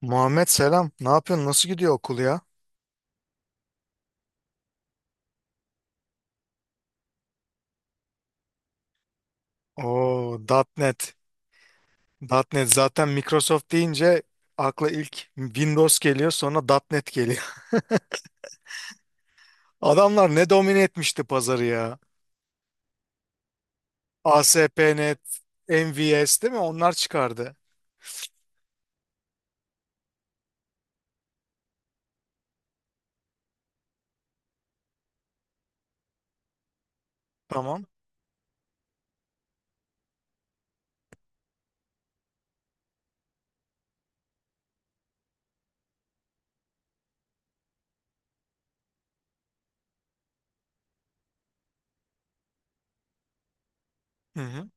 Muhammed selam. Ne yapıyorsun? Nasıl gidiyor okul ya? Oo, .NET. .NET zaten Microsoft deyince akla ilk Windows geliyor, sonra .NET geliyor. Adamlar ne domine etmişti pazarı ya. ASP.NET, MVS değil mi? Onlar çıkardı. Tamam. Hı hı.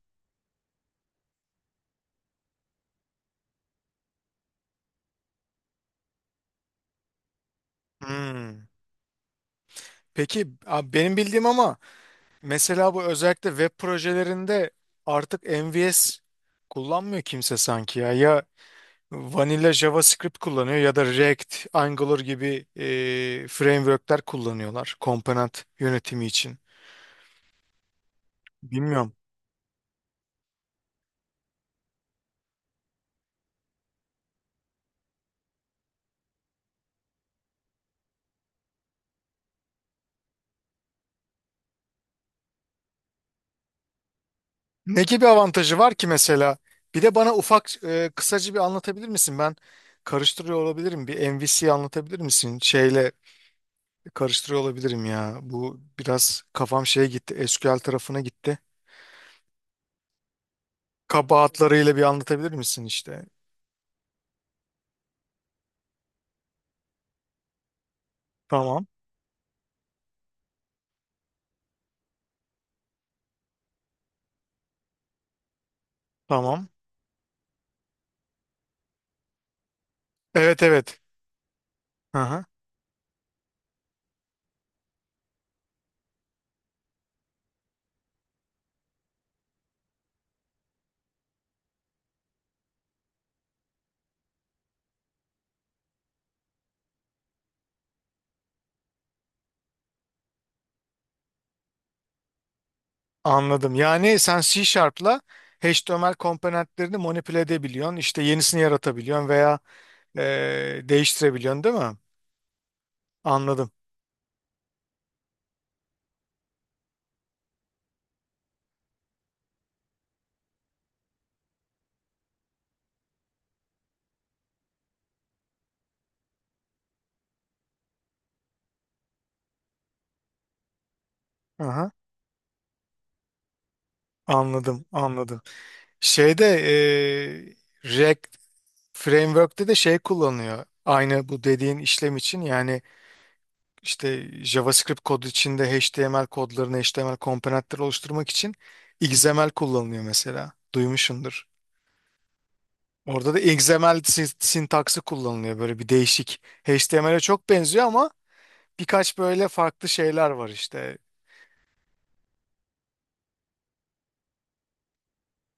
Hmm. Peki abi benim bildiğim ama mesela bu özellikle web projelerinde artık MVS kullanmıyor kimse sanki ya. Ya Vanilla JavaScript kullanıyor ya da React, Angular gibi frameworkler kullanıyorlar komponent yönetimi için. Bilmiyorum. Ne gibi avantajı var ki mesela? Bir de bana ufak kısaca bir anlatabilir misin? Ben karıştırıyor olabilirim. Bir MVC anlatabilir misin? Şeyle karıştırıyor olabilirim ya. Bu biraz kafam şeye gitti. SQL tarafına gitti. Kabahatlarıyla bir anlatabilir misin işte? Tamam. Tamam. Evet evet. Hı hı. Anladım. Yani sen C Sharp'la HTML komponentlerini manipüle edebiliyorsun. İşte yenisini yaratabiliyorsun veya değiştirebiliyorsun değil mi? Anladım. Aha, anladım, anladım. Şeyde React Framework'te de şey kullanıyor. Aynı bu dediğin işlem için yani işte JavaScript kodu içinde HTML kodlarını, HTML komponentleri oluşturmak için XML kullanılıyor mesela. Duymuşsundur. Orada da XML sintaksı kullanılıyor böyle bir değişik. HTML'e çok benziyor ama birkaç böyle farklı şeyler var işte.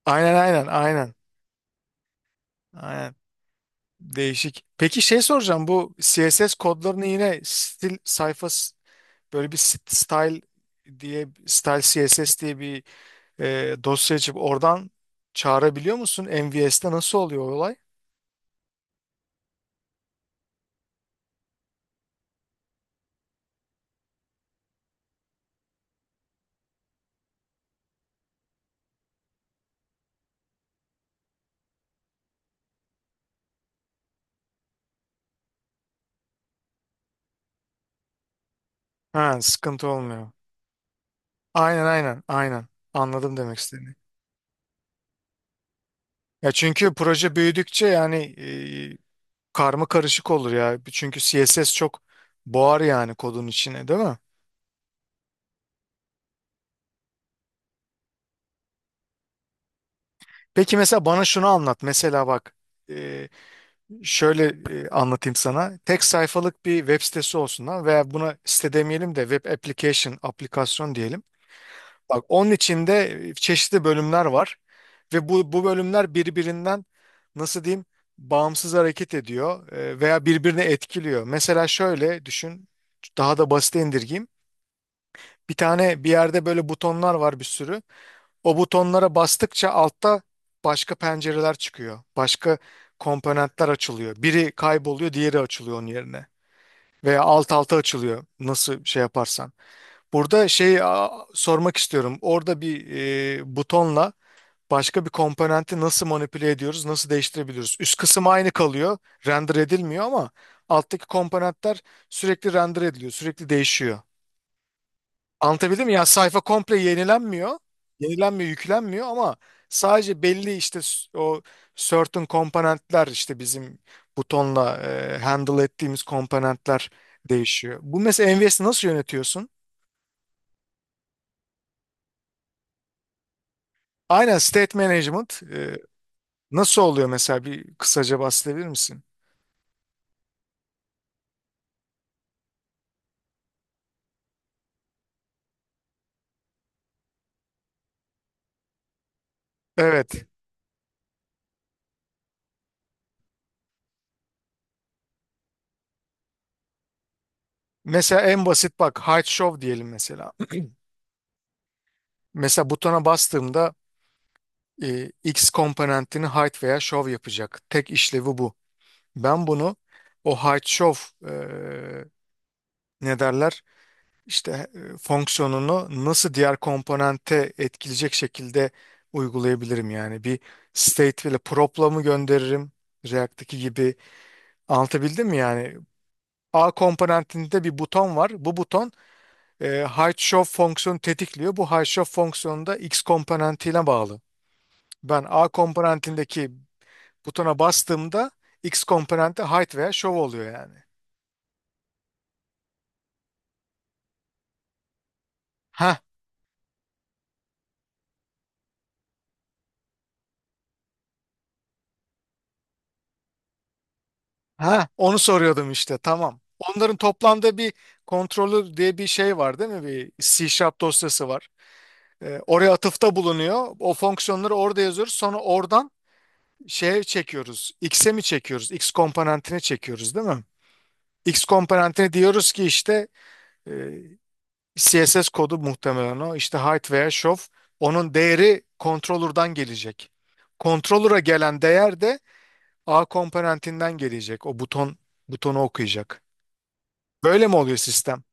Aynen aynen aynen. Aynen. Değişik. Peki şey soracağım bu CSS kodlarını yine böyle bir style diye style CSS diye bir dosya açıp oradan çağırabiliyor musun? MVS'te nasıl oluyor o olay? Ha, sıkıntı olmuyor. Aynen aynen aynen. Anladım demek istediğini. Ya çünkü proje büyüdükçe yani e, karma karışık olur ya. Çünkü CSS çok boğar yani kodun içine, değil mi? Peki mesela bana şunu anlat. Mesela bak e, şöyle anlatayım sana. Tek sayfalık bir web sitesi olsun ha veya buna site demeyelim de web application, aplikasyon diyelim. Bak onun içinde çeşitli bölümler var ve bu bölümler birbirinden nasıl diyeyim bağımsız hareket ediyor veya birbirine etkiliyor. Mesela şöyle düşün daha da basite indirgeyim. Bir tane bir yerde böyle butonlar var bir sürü. O butonlara bastıkça altta başka pencereler çıkıyor. Başka komponentler açılıyor. Biri kayboluyor, diğeri açılıyor onun yerine. Veya alt alta açılıyor nasıl şey yaparsan. Burada sormak istiyorum. Orada bir butonla başka bir komponenti nasıl manipüle ediyoruz, nasıl değiştirebiliyoruz? Üst kısım aynı kalıyor, render edilmiyor ama alttaki komponentler sürekli render ediliyor, sürekli değişiyor. Anlatabildim mi? Yani sayfa komple yenilenmiyor, yüklenmiyor ama sadece belli işte o certain komponentler işte bizim butonla handle ettiğimiz komponentler değişiyor. Bu mesela NVS'i nasıl yönetiyorsun? Aynen state management. Nasıl oluyor mesela bir kısaca bahsedebilir misin? Evet. Mesela en basit bak height show diyelim mesela. Mesela butona bastığımda X komponentini height veya show yapacak. Tek işlevi bu. Ben bunu o height show e, ne derler? İşte fonksiyonunu nasıl diğer komponente etkileyecek şekilde uygulayabilirim yani. Bir state ile prop'la mı gönderirim? React'taki gibi. Anlatabildim mi yani? A komponentinde bir buton var. Bu buton Height-Shoff fonksiyonu tetikliyor. Bu Height-Shoff fonksiyonu da X komponentiyle bağlı. Ben A komponentindeki butona bastığımda X komponenti height veya show oluyor yani. Ha, ha, onu soruyordum işte. Tamam. Onların toplamda bir kontrolü diye bir şey var değil mi? Bir C dosyası var. Oraya atıfta bulunuyor. O fonksiyonları orada yazıyoruz. Sonra oradan şeye çekiyoruz. X'e mi çekiyoruz? X komponentine çekiyoruz değil mi? X komponentine diyoruz ki işte e, CSS kodu muhtemelen o. İşte height veya show. Onun değeri controller'dan gelecek. Controller'a gelen değer de A komponentinden gelecek. O buton butonu okuyacak. Böyle mi oluyor sistem?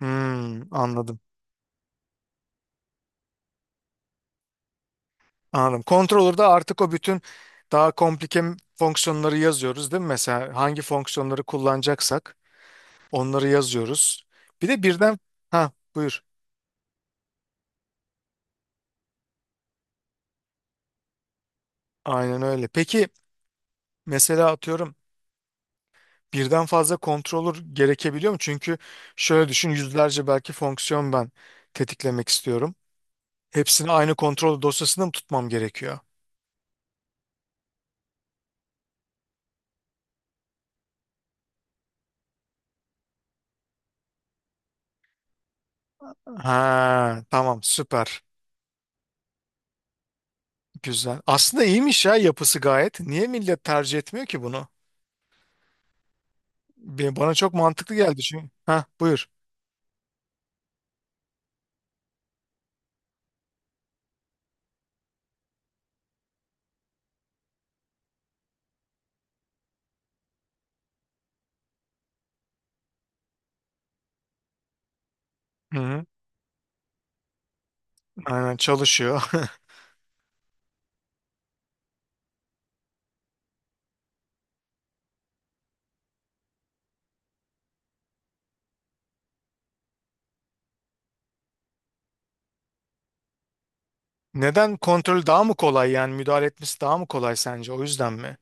Hmm, anladım. Anladım. Controller'da artık o bütün daha komplike fonksiyonları yazıyoruz değil mi? Mesela hangi fonksiyonları kullanacaksak onları yazıyoruz. Bir de birden ha buyur. Aynen öyle. Peki mesela atıyorum birden fazla controller gerekebiliyor mu? Çünkü şöyle düşün yüzlerce belki fonksiyon ben tetiklemek istiyorum. Hepsini aynı kontrol dosyasında mı tutmam gerekiyor? Ha, tamam süper. Güzel. Aslında iyiymiş ya yapısı gayet. Niye millet tercih etmiyor ki bunu? Bana çok mantıklı geldi çünkü. Ha, buyur. Hı hı. Aynen çalışıyor. Neden kontrol daha mı kolay yani müdahale etmesi daha mı kolay sence? O yüzden mi?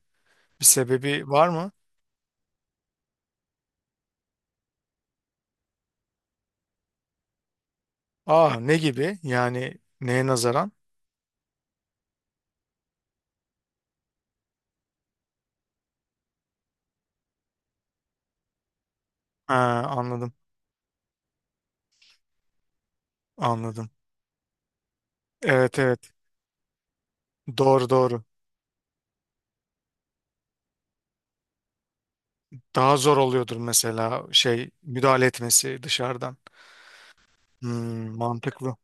Bir sebebi var mı? Aa ne gibi? Yani neye nazaran? Ha, anladım. Anladım. Evet evet. Doğru doğru. Daha zor oluyordur mesela şey müdahale etmesi dışarıdan. Hmm, mantıklı.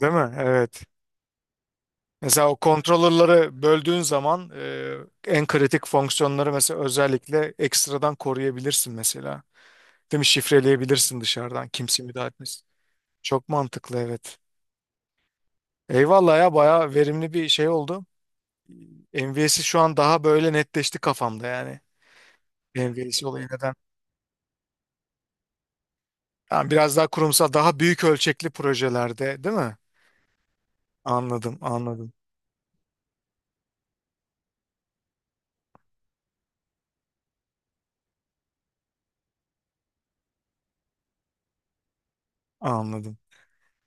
Değil mi? Evet. Mesela o kontrolörleri böldüğün zaman en kritik fonksiyonları mesela özellikle ekstradan koruyabilirsin mesela. Değil mi? Şifreleyebilirsin dışarıdan kimse müdahale etmesin. Çok mantıklı evet. Eyvallah ya bayağı verimli bir şey oldu. MVS'i şu an daha böyle netleşti kafamda yani. MVS olayı neden? Yani biraz daha kurumsal, daha büyük ölçekli projelerde, değil mi? Anladım, anladım, anladım.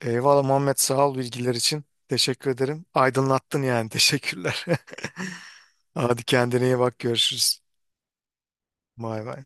Eyvallah Muhammed, sağ ol bilgiler için. Teşekkür ederim. Aydınlattın yani. Teşekkürler. Hadi kendine iyi bak. Görüşürüz. Bay bay.